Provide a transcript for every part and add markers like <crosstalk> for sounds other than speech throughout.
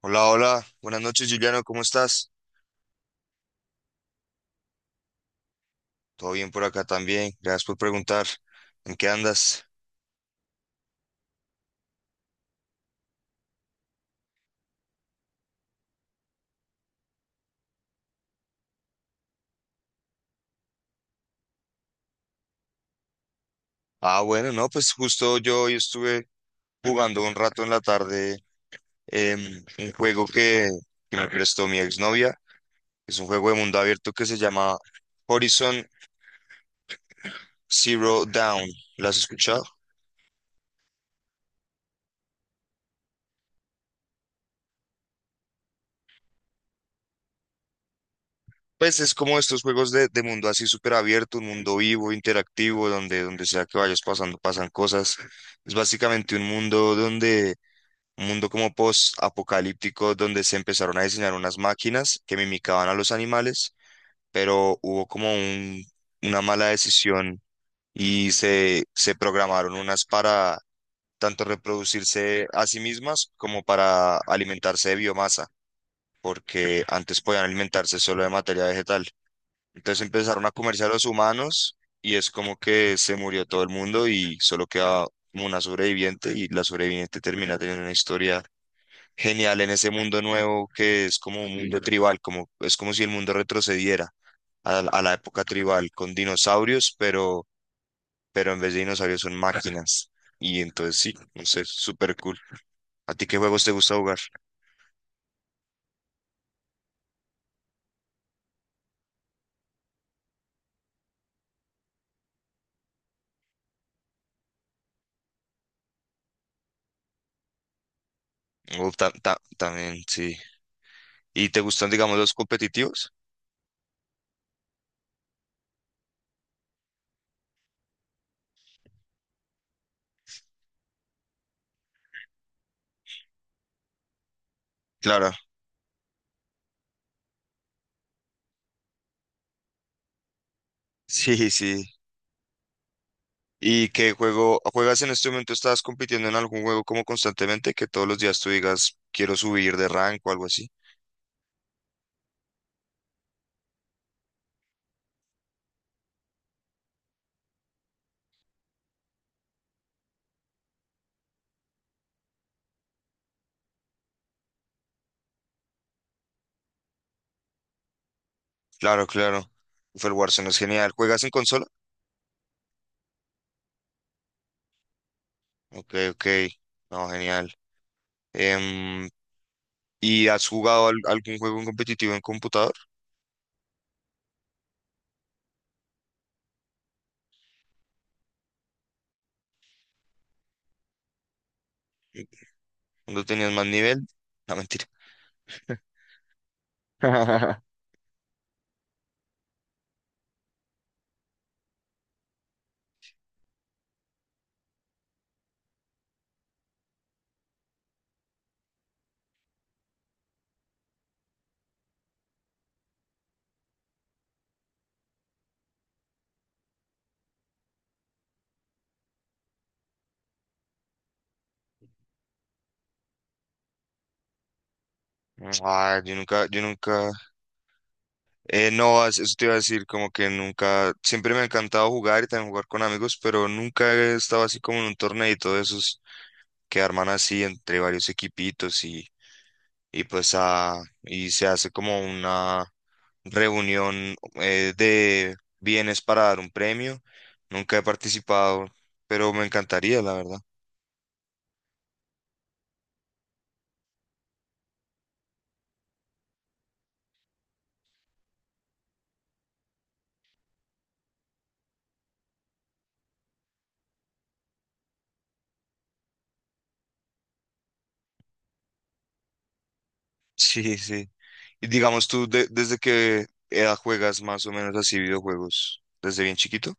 Hola, hola, buenas noches Juliano, ¿cómo estás? Todo bien por acá también, gracias por preguntar. ¿En qué andas? Ah, bueno, no, pues justo yo hoy estuve jugando un rato en la tarde, un juego que me prestó mi exnovia, es un juego de mundo abierto que se llama Horizon Zero Dawn. ¿Lo has escuchado? Pues es como estos juegos de mundo así súper abierto, un mundo vivo, interactivo, donde sea que vayas pasando, pasan cosas. Es básicamente un mundo como post-apocalíptico donde se empezaron a diseñar unas máquinas que mimicaban a los animales, pero hubo como una mala decisión y se programaron unas para tanto reproducirse a sí mismas como para alimentarse de biomasa, porque antes podían alimentarse solo de materia vegetal. Entonces empezaron a comerse a los humanos y es como que se murió todo el mundo y solo queda como una sobreviviente, y la sobreviviente termina teniendo una historia genial en ese mundo nuevo, que es como un mundo tribal, como es como si el mundo retrocediera a la época tribal con dinosaurios, pero en vez de dinosaurios son máquinas. Y entonces sí, no sé, súper cool. ¿A ti qué juegos te gusta jugar? Oh, también, sí. ¿Y te gustan, digamos, los competitivos? Claro, sí, sí. ¿Y qué juego juegas en este momento? ¿Estás compitiendo en algún juego como constantemente que todos los días tú digas, quiero subir de rank o algo así? Claro, claro. Uf, el Warzone es genial. ¿Juegas en consola? Ok, ok. No, genial. Em, ¿Y has jugado algún juego en competitivo en computador? ¿Cuando tenías más nivel? No, mentira. <laughs> Ah, yo nunca, no, eso te iba a decir, como que nunca, siempre me ha encantado jugar y también jugar con amigos, pero nunca he estado así como en un torneito de esos que arman así entre varios equipitos y pues, ah, y se hace como una reunión, de bienes para dar un premio. Nunca he participado, pero me encantaría, la verdad. <laughs> Sí, sí. Y digamos tú, ¿desde qué edad juegas más o menos así videojuegos? ¿Desde bien chiquito?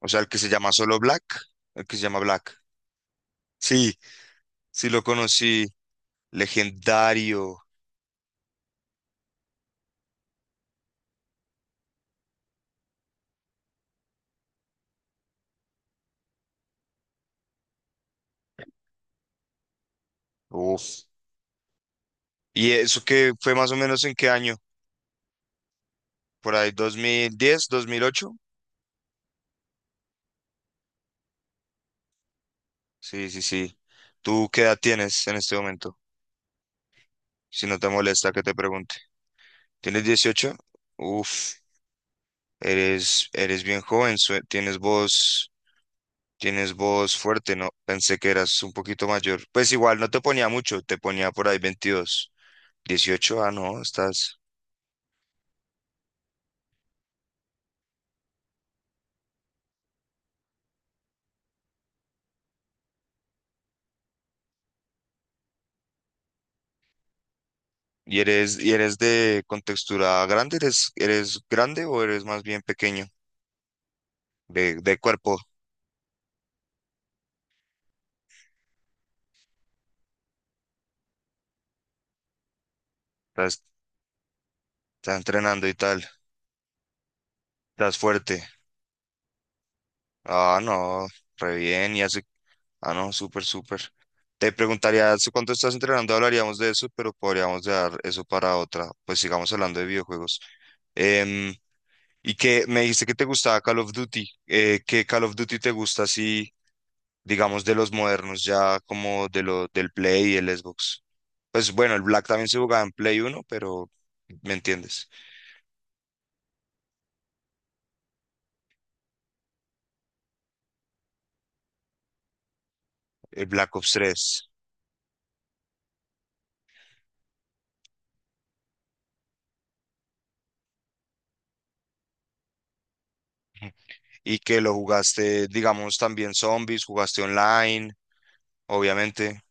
O sea, el que se llama solo Black, el que se llama Black. Sí, sí lo conocí. Legendario. Uf. ¿Y eso qué fue más o menos en qué año? ¿Por ahí 2010, 2008? Sí, sí, sí. ¿Tú qué edad tienes en este momento? Si no te molesta que te pregunte. ¿Tienes 18? Uf, eres, eres bien joven, tienes voz fuerte, ¿no? Pensé que eras un poquito mayor. Pues igual, no te ponía mucho, te ponía por ahí 22. 18, ah, no, estás. Y eres de contextura grande? ¿Eres, eres grande o eres más bien pequeño? De cuerpo, estás, estás entrenando y tal, estás fuerte. Ah, no, re bien. ¿Y hace Ah, no, súper, súper. Te preguntaría, ¿hace cuánto estás entrenando? Hablaríamos de eso, pero podríamos dejar eso para otra. Pues sigamos hablando de videojuegos. Em, y que me dijiste que te gustaba Call of Duty. ¿Qué Call of Duty te gusta así, digamos, de los modernos, ya como de lo, del Play y el Xbox? Pues bueno, el Black también se jugaba en Play 1, pero me entiendes. El Black Ops 3. Y que lo jugaste, digamos, también zombies, jugaste online, obviamente.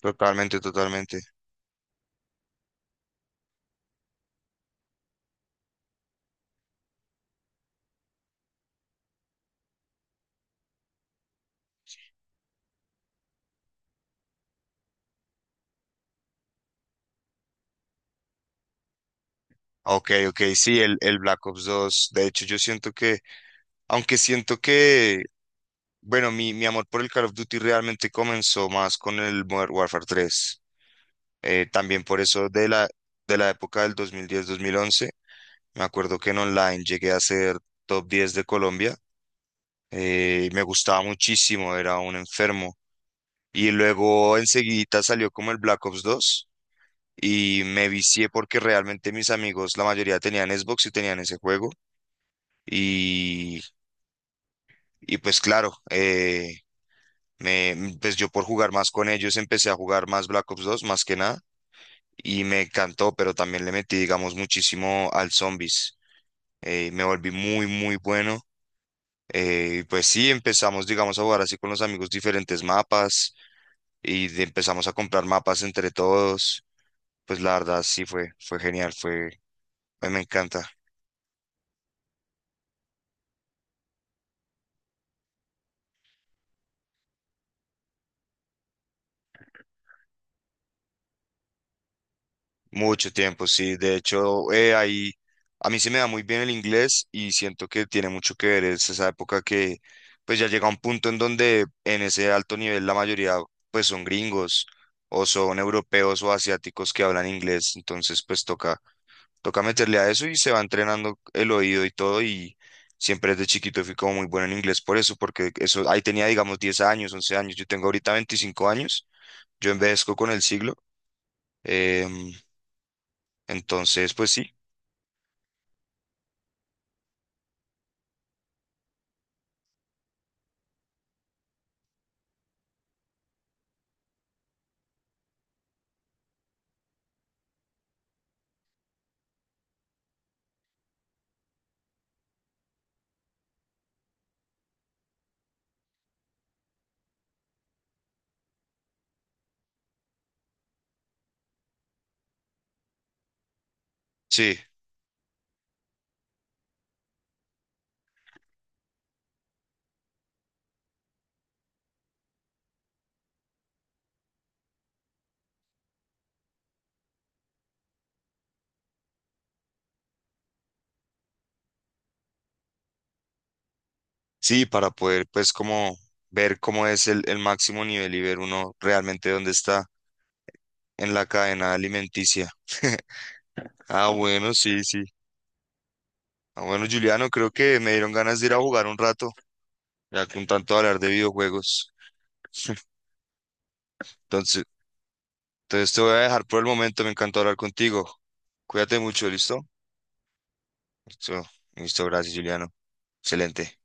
Totalmente, totalmente. Ok, ok, sí, el Black Ops 2. De hecho, yo siento que, aunque siento que, bueno, mi amor por el Call of Duty realmente comenzó más con el Modern Warfare 3. También por eso de la época del 2010, mil once. Me acuerdo que en online llegué a ser top 10 de Colombia. Me gustaba muchísimo, era un enfermo. Y luego enseguida salió como el Black Ops 2 y me vicié porque realmente mis amigos, la mayoría tenían Xbox y tenían ese juego. Y Y pues claro, pues yo por jugar más con ellos empecé a jugar más Black Ops 2 más que nada y me encantó, pero también le metí, digamos, muchísimo al Zombies. Me volví muy, muy bueno. Y pues sí, empezamos, digamos, a jugar así con los amigos diferentes mapas y empezamos a comprar mapas entre todos. Pues la verdad sí fue genial, me encanta. Mucho tiempo, sí. De hecho, ahí a mí se me da muy bien el inglés y siento que tiene mucho que ver. Es esa época que pues ya llega un punto en donde en ese alto nivel la mayoría pues son gringos o son europeos o asiáticos que hablan inglés. Entonces pues toca meterle a eso y se va entrenando el oído y todo, y siempre desde chiquito fui como muy bueno en inglés por eso, porque eso ahí tenía digamos 10 años, 11 años. Yo tengo ahorita 25 años. Yo envejezco con el siglo. em, entonces, pues sí, sí, sí, para poder pues como ver cómo es el máximo nivel y ver uno realmente dónde está en la cadena alimenticia. <laughs> Ah, bueno, sí, sí. Ah, bueno, Juliano, creo que me dieron ganas de ir a jugar un rato, ya con tanto hablar de videojuegos. Entonces, entonces, te voy a dejar por el momento, me encantó hablar contigo. Cuídate mucho, ¿listo? Listo, listo, gracias, Juliano. Excelente.